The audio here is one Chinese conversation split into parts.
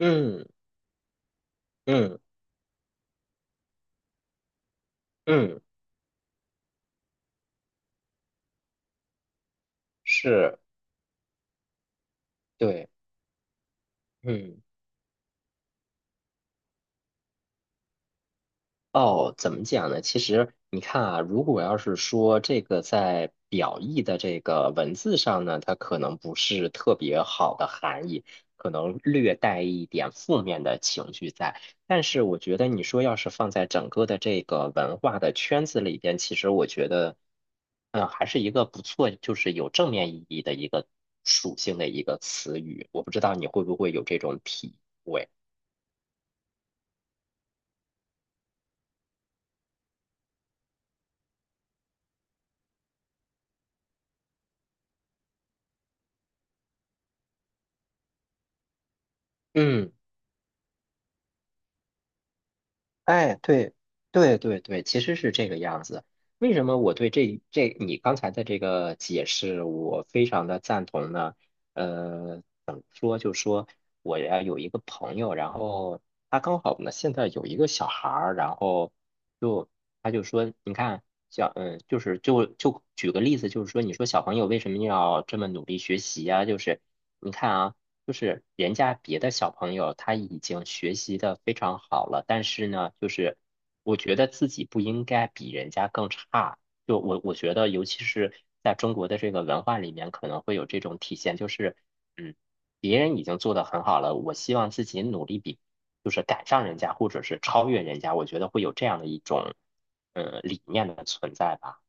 嗯嗯嗯，是，对，嗯。哦，怎么讲呢？其实你看啊，如果要是说这个在表意的这个文字上呢，它可能不是特别好的含义，可能略带一点负面的情绪在。但是我觉得你说要是放在整个的这个文化的圈子里边，其实我觉得，还是一个不错，就是有正面意义的一个属性的一个词语。我不知道你会不会有这种体会。嗯。哎，对，对对对，其实是这个样子。为什么我对这你刚才的这个解释，我非常的赞同呢？怎么说？就说我呀有一个朋友，然后他刚好呢现在有一个小孩儿，然后就他就说，你看，就是举个例子，就是说，你说小朋友为什么要这么努力学习呀？就是你看啊。就是人家别的小朋友他已经学习的非常好了，但是呢，就是我觉得自己不应该比人家更差。就我觉得，尤其是在中国的这个文化里面，可能会有这种体现，就是嗯，别人已经做得很好了，我希望自己努力比，就是赶上人家或者是超越人家，我觉得会有这样的一种理念的存在吧。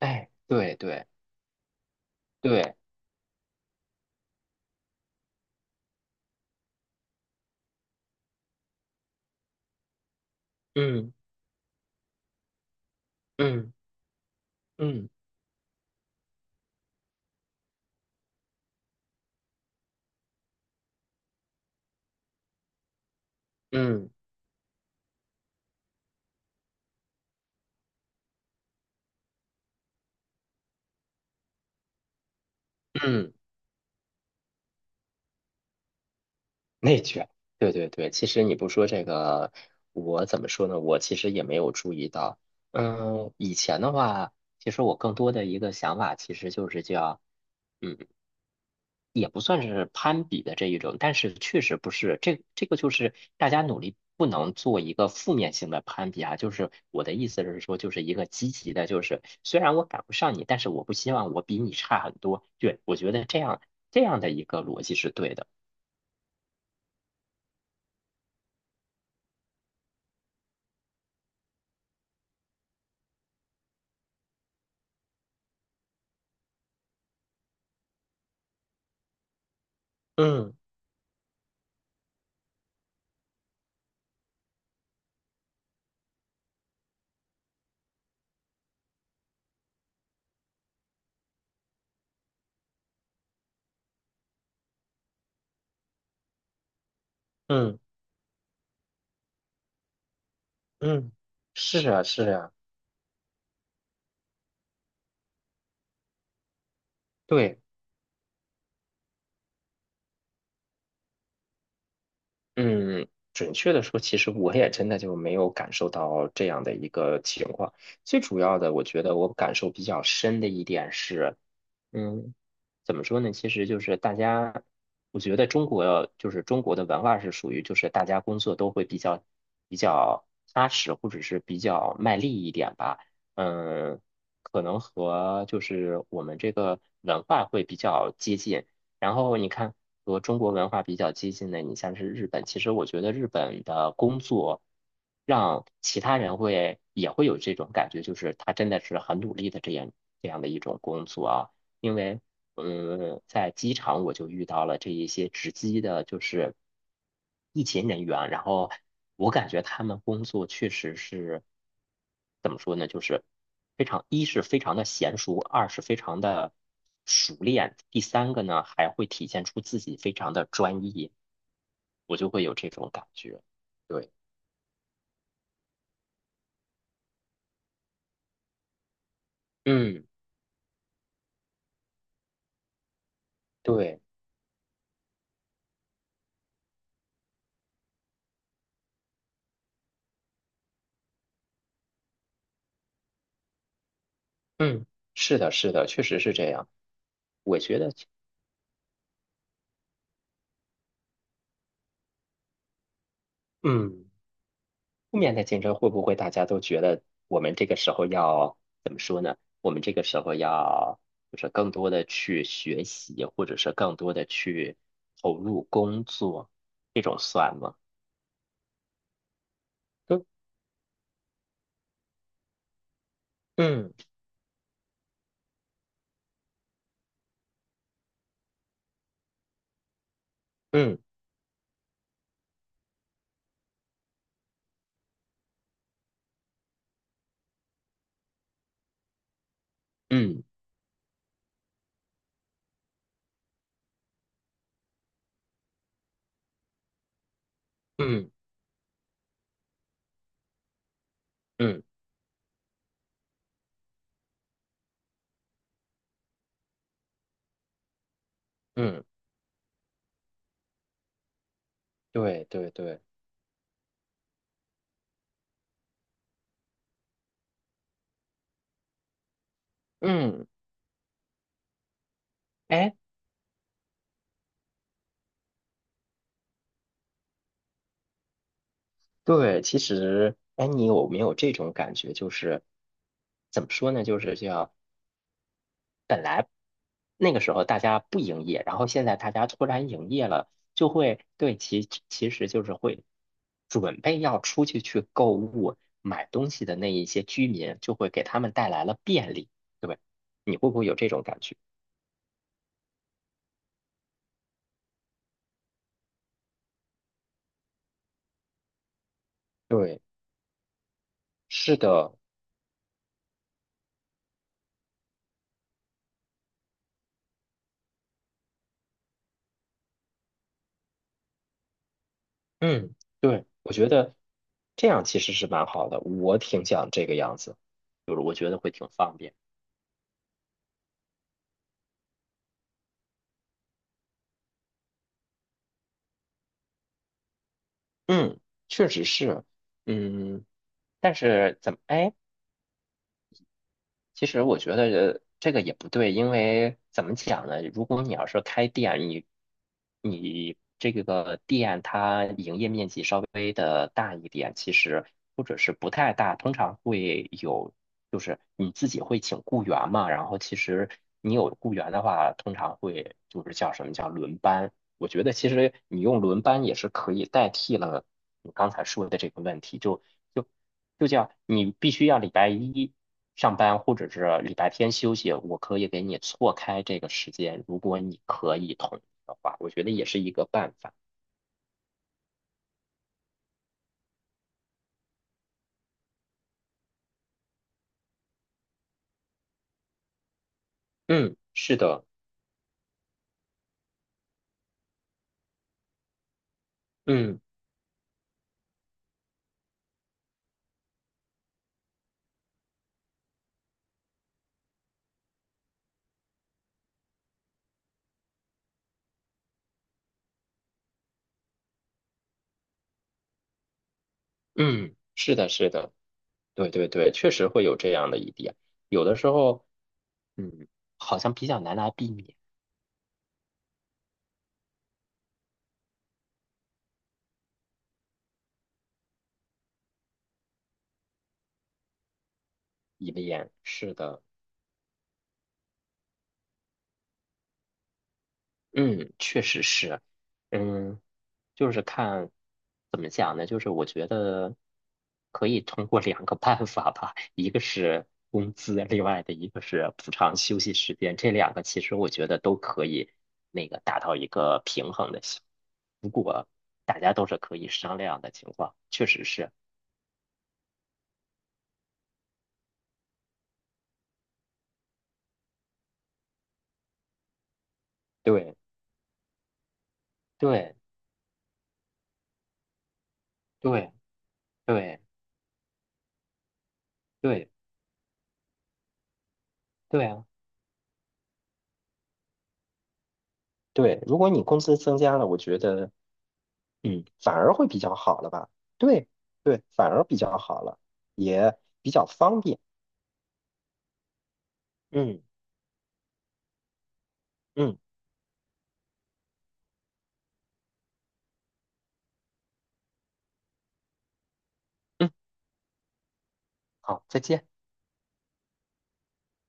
哎，对对对，嗯嗯嗯嗯。嗯嗯内卷，对对对，其实你不说这个，我怎么说呢？我其实也没有注意到。以前的话，其实我更多的一个想法，其实就是叫，嗯，也不算是攀比的这一种，但是确实不是这个就是大家努力不能做一个负面性的攀比啊。就是我的意思是说，就是一个积极的，就是虽然我赶不上你，但是我不希望我比你差很多。对，我觉得这样的一个逻辑是对的。嗯嗯。嗯，是啊，是啊，对，嗯，准确的说，其实我也真的就没有感受到这样的一个情况。最主要的，我觉得我感受比较深的一点是，嗯，怎么说呢？其实就是大家，我觉得中国的文化是属于就是大家工作都会比较比较踏实，或者是比较卖力一点吧。嗯，可能和就是我们这个文化会比较接近。然后你看和中国文化比较接近的，你像是日本，其实我觉得日本的工作让其他人会也会有这种感觉，就是他真的是很努力的这样的一种工作啊。因为在机场我就遇到了这一些值机的，就是疫情人员，然后我感觉他们工作确实是怎么说呢，就是非常，一是非常的娴熟，二是非常的熟练，第三个呢还会体现出自己非常的专业，我就会有这种感觉。对，嗯，对，嗯，是的，是的，确实是这样。我觉得，嗯。负面的竞争会不会大家都觉得我们这个时候要怎么说呢？我们这个时候要就是更多的去学习，或者是更多的去投入工作，这种算吗？嗯嗯嗯嗯嗯嗯嗯，对对对，嗯，哎，对，其实哎，你有没有这种感觉？就是怎么说呢？就是叫。本来那个时候大家不营业，然后现在大家突然营业了，就会其实就是会准备要出去购物买东西的那一些居民，就会给他们带来了便利。对吧，你会不会有这种感觉？对，是的，嗯，对，我觉得这样其实是蛮好的，我挺想这个样子，就是我觉得会挺方便。嗯，确实是，嗯，但是怎么，哎，其实我觉得这个也不对，因为怎么讲呢？如果你要是开店，你这个店它营业面积稍微的大一点，其实或者是不太大，通常会有，就是你自己会请雇员嘛。然后其实你有雇员的话，通常会就是叫什么叫轮班。我觉得其实你用轮班也是可以代替了你刚才说的这个问题，就就叫你必须要礼拜一。上班或者是礼拜天休息，我可以给你错开这个时间，如果你可以同意的话，我觉得也是一个办法。嗯，是的，嗯嗯，是的，是的，对对对，确实会有这样的一点，有的时候，嗯，好像比较难来避免一面，是的，嗯，确实是，嗯。就是看怎么讲呢？就是我觉得可以通过两个办法吧，一个是工资，另外的一个是补偿休息时间。这两个其实我觉得都可以那个达到一个平衡的效果。如果大家都是可以商量的情况，确实是对对对对对对啊，对，如果你工资增加了，我觉得反而会比较好了吧？对对，反而比较好了，也比较方便。嗯嗯嗯，好，再见。